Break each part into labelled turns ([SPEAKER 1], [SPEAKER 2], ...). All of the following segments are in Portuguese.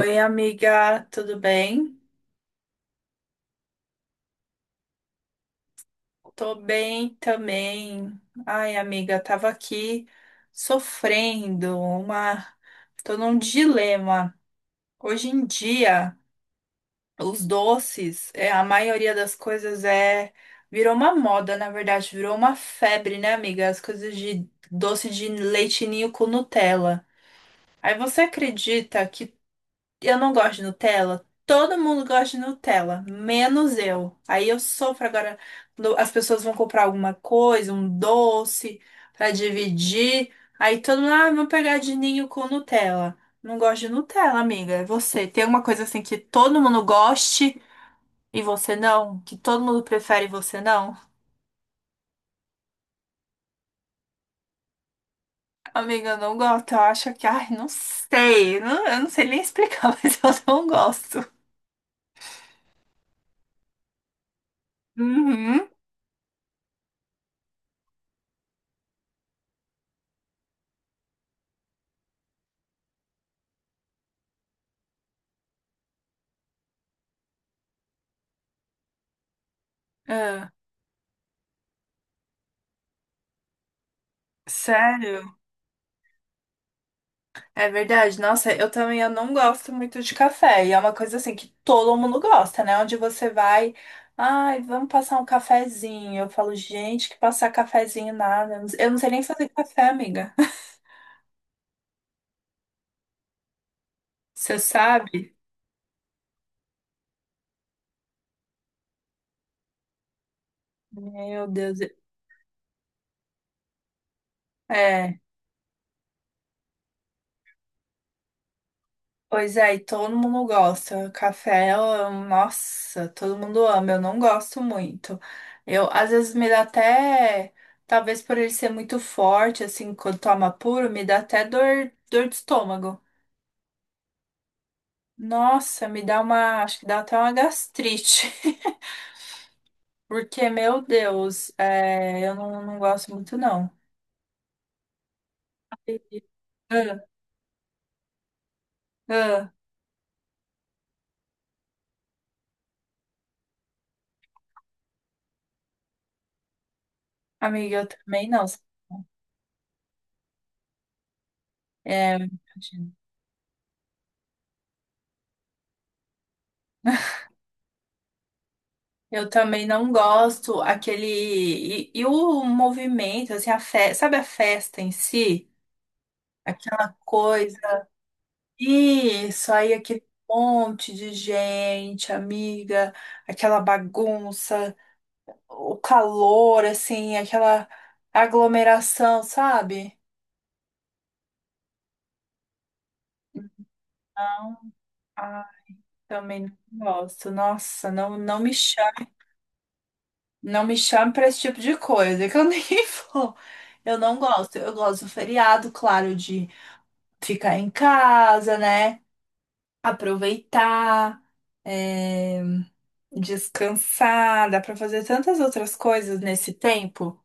[SPEAKER 1] Oi, amiga, tudo bem? Tô bem também. Ai, amiga, tava aqui sofrendo uma. Tô num dilema. Hoje em dia, os doces, a maioria das coisas é. Virou uma moda, na verdade, virou uma febre, né, amiga? As coisas de doce de leite ninho com Nutella. Aí você acredita que eu não gosto de Nutella. Todo mundo gosta de Nutella, menos eu. Aí eu sofro agora. Quando as pessoas vão comprar alguma coisa, um doce pra dividir. Aí todo mundo, ah, vou pegar de ninho com Nutella. Não gosto de Nutella, amiga. É você. Tem alguma coisa assim que todo mundo goste e você não? Que todo mundo prefere e você não? Amiga, eu não gosto. Eu acho que, ai, não sei. Eu não sei nem explicar, mas eu não gosto. Uhum. Ah, sério? É verdade. Nossa, eu também eu não gosto muito de café. E é uma coisa assim que todo mundo gosta, né? Onde você vai, ai, vamos passar um cafezinho. Eu falo, gente, que passar cafezinho nada. Eu não sei nem fazer café, amiga. Você sabe? Meu Deus. É. Pois é, e todo mundo gosta. Café, nossa, todo mundo ama. Eu não gosto muito. Eu, às vezes, me dá até. Talvez por ele ser muito forte, assim, quando toma puro, me dá até dor, dor de estômago. Nossa, me dá uma. Acho que dá até uma gastrite. Porque, meu Deus, eu não gosto muito, não. Entendi. Ah, ah. Amiga, eu também não. É, imagino. Eu também não gosto aquele. E o movimento, assim, sabe a festa em si? Aquela coisa. Isso, aí aquele monte de gente, amiga, aquela bagunça. O calor, assim, aquela aglomeração, sabe? Não, ah, também não gosto. Nossa, não me chame, não me chame para esse tipo de coisa, que eu nem vou. Eu não gosto. Eu gosto do feriado, claro, de ficar em casa, né? Aproveitar, é, descansar. Dá para fazer tantas outras coisas nesse tempo.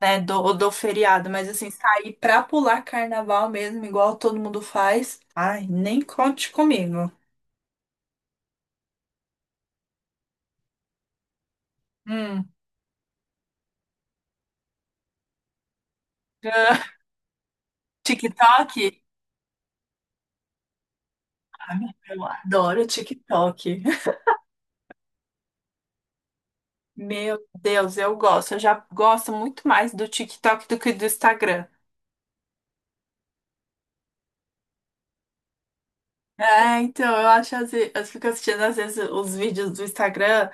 [SPEAKER 1] Né, do feriado, mas assim, sair pra pular carnaval mesmo, igual todo mundo faz, ai, nem conte comigo. Hum. TikTok? Ai, eu adoro TikTok. Meu Deus, eu gosto. Eu já gosto muito mais do TikTok do que do Instagram. É, então, eu acho eu fico assistindo às vezes os vídeos do Instagram,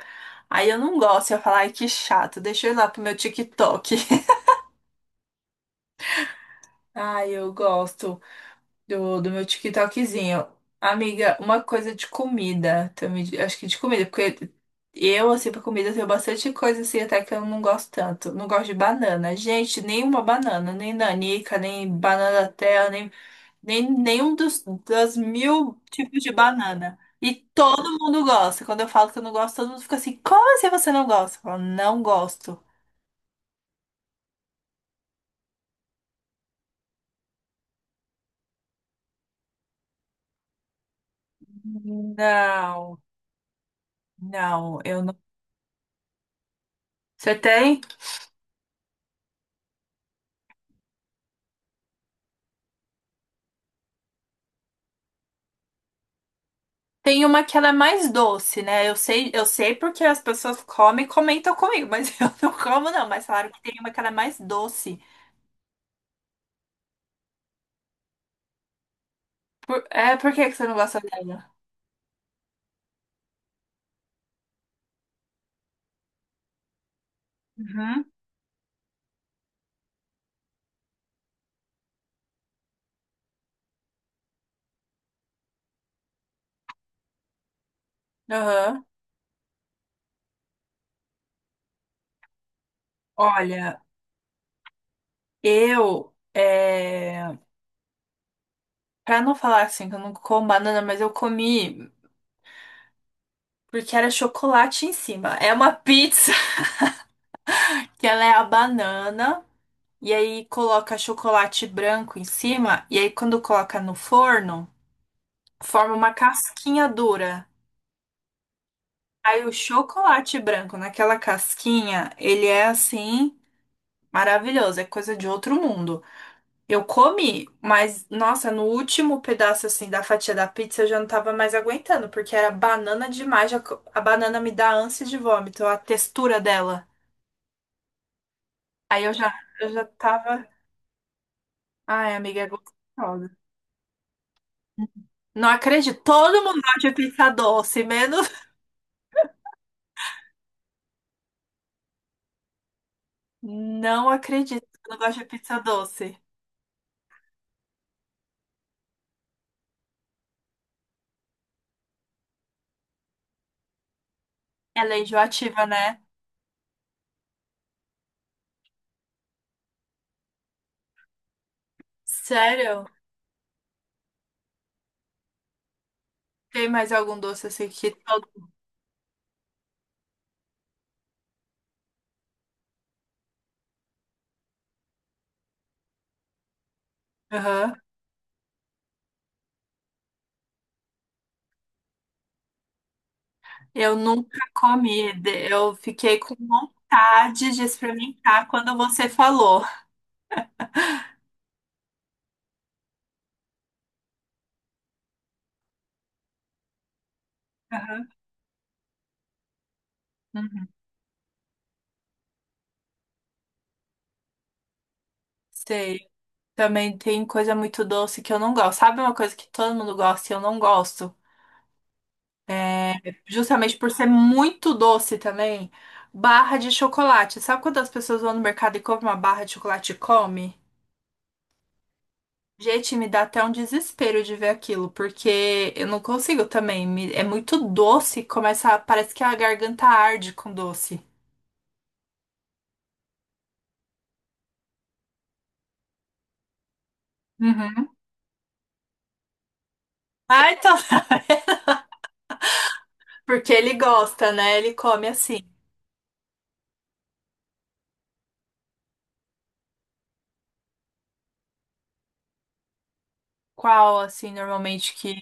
[SPEAKER 1] aí eu não gosto, eu falo, ai, que chato, deixa eu ir lá pro meu TikTok. Ai, eu gosto do meu TikTokzinho. Amiga, uma coisa de comida também, acho que de comida, porque eu, assim, pra comida eu tenho bastante coisa, assim, até que eu não gosto tanto. Não gosto de banana. Gente, nenhuma banana, nem nanica, nem banana da terra, nem, nem nenhum das mil tipos de banana. E todo mundo gosta. Quando eu falo que eu não gosto, todo mundo fica assim, como assim você não gosta? Eu falo, não gosto. Não, não, eu não. Você tem? Tem uma que ela é mais doce, né? Eu sei porque as pessoas comem e comentam comigo, mas eu não como, não. Mas falaram que tem uma que ela é mais doce. Por que que você não gosta dela? Uhum. Aham. Olha, eu. É... Pra não falar assim que eu não como banana, mas eu comi porque era chocolate em cima. É uma pizza que ela é a banana. E aí coloca chocolate branco em cima. E aí quando coloca no forno, forma uma casquinha dura. Aí o chocolate branco naquela casquinha, ele é assim maravilhoso, é coisa de outro mundo. Eu comi, mas nossa, no último pedaço assim da fatia da pizza eu já não tava mais aguentando, porque era banana demais, a banana me dá ânsia de vômito, a textura dela. Aí eu já tava, ai, amiga, é gostosa. Não acredito, todo mundo gosta de pizza doce, menos não acredito que eu não gosto de pizza doce. Ela é enjoativa, né? Sério? Tem mais algum doce assim que todo... Aham. Eu nunca comi. Eu fiquei com vontade de experimentar quando você falou. Aham. Uhum. Sei. Também tem coisa muito doce que eu não gosto. Sabe uma coisa que todo mundo gosta e eu não gosto? É, Justamente por ser muito doce também. Barra de chocolate. Sabe quando as pessoas vão no mercado e compram uma barra de chocolate e come? Gente, me dá até um desespero de ver aquilo, porque eu não consigo também. É muito doce, começa, parece que a garganta arde com doce. Uhum. Ah, então, porque ele gosta, né? Ele come assim. Qual, assim, normalmente que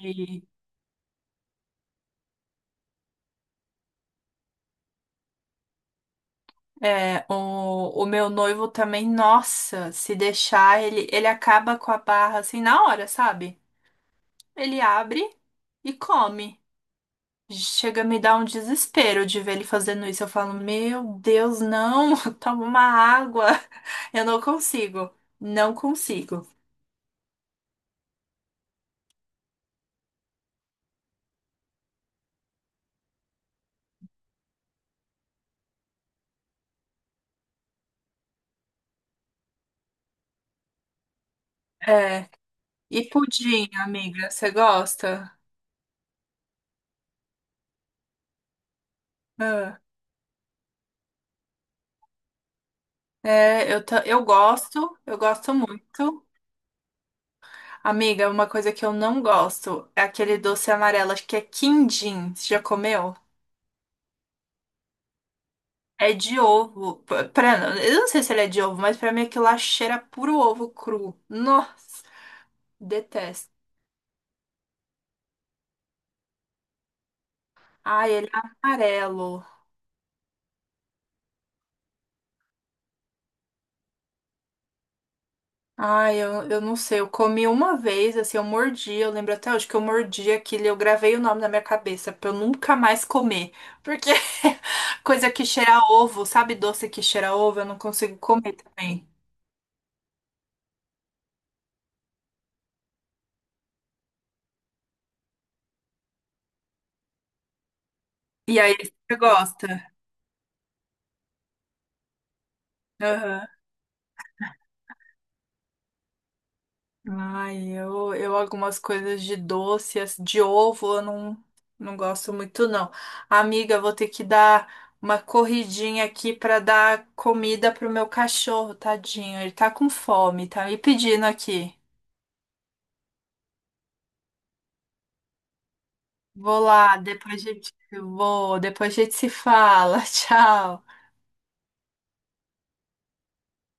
[SPEAKER 1] é o meu noivo também, nossa, se deixar, ele acaba com a barra assim na hora, sabe? Ele abre e come. Chega a me dar um desespero de ver ele fazendo isso. Eu falo, meu Deus, não, toma uma água. Eu não consigo, não consigo. É. E pudim, amiga, você gosta? Ah, é, eu gosto muito. Amiga, uma coisa que eu não gosto é aquele doce amarelo, acho que é quindim. Você já comeu? É de ovo. Eu não sei se ele é de ovo, mas pra mim aquilo lá cheira puro ovo cru. Nossa, detesto. Ai, ele é amarelo. Ai, eu não sei. Eu comi uma vez, assim, eu mordi. Eu lembro até hoje que eu mordi aquilo. Eu gravei o nome na minha cabeça pra eu nunca mais comer. Porque coisa que cheira a ovo, sabe? Doce que cheira a ovo, eu não consigo comer também. E aí, você gosta? Aham. Ai, eu algumas coisas de doce, de ovo, eu não gosto muito, não. Amiga, vou ter que dar uma corridinha aqui pra dar comida pro meu cachorro, tadinho. Ele tá com fome, tá me pedindo aqui. Vou lá, vou, depois a gente se fala. Tchau.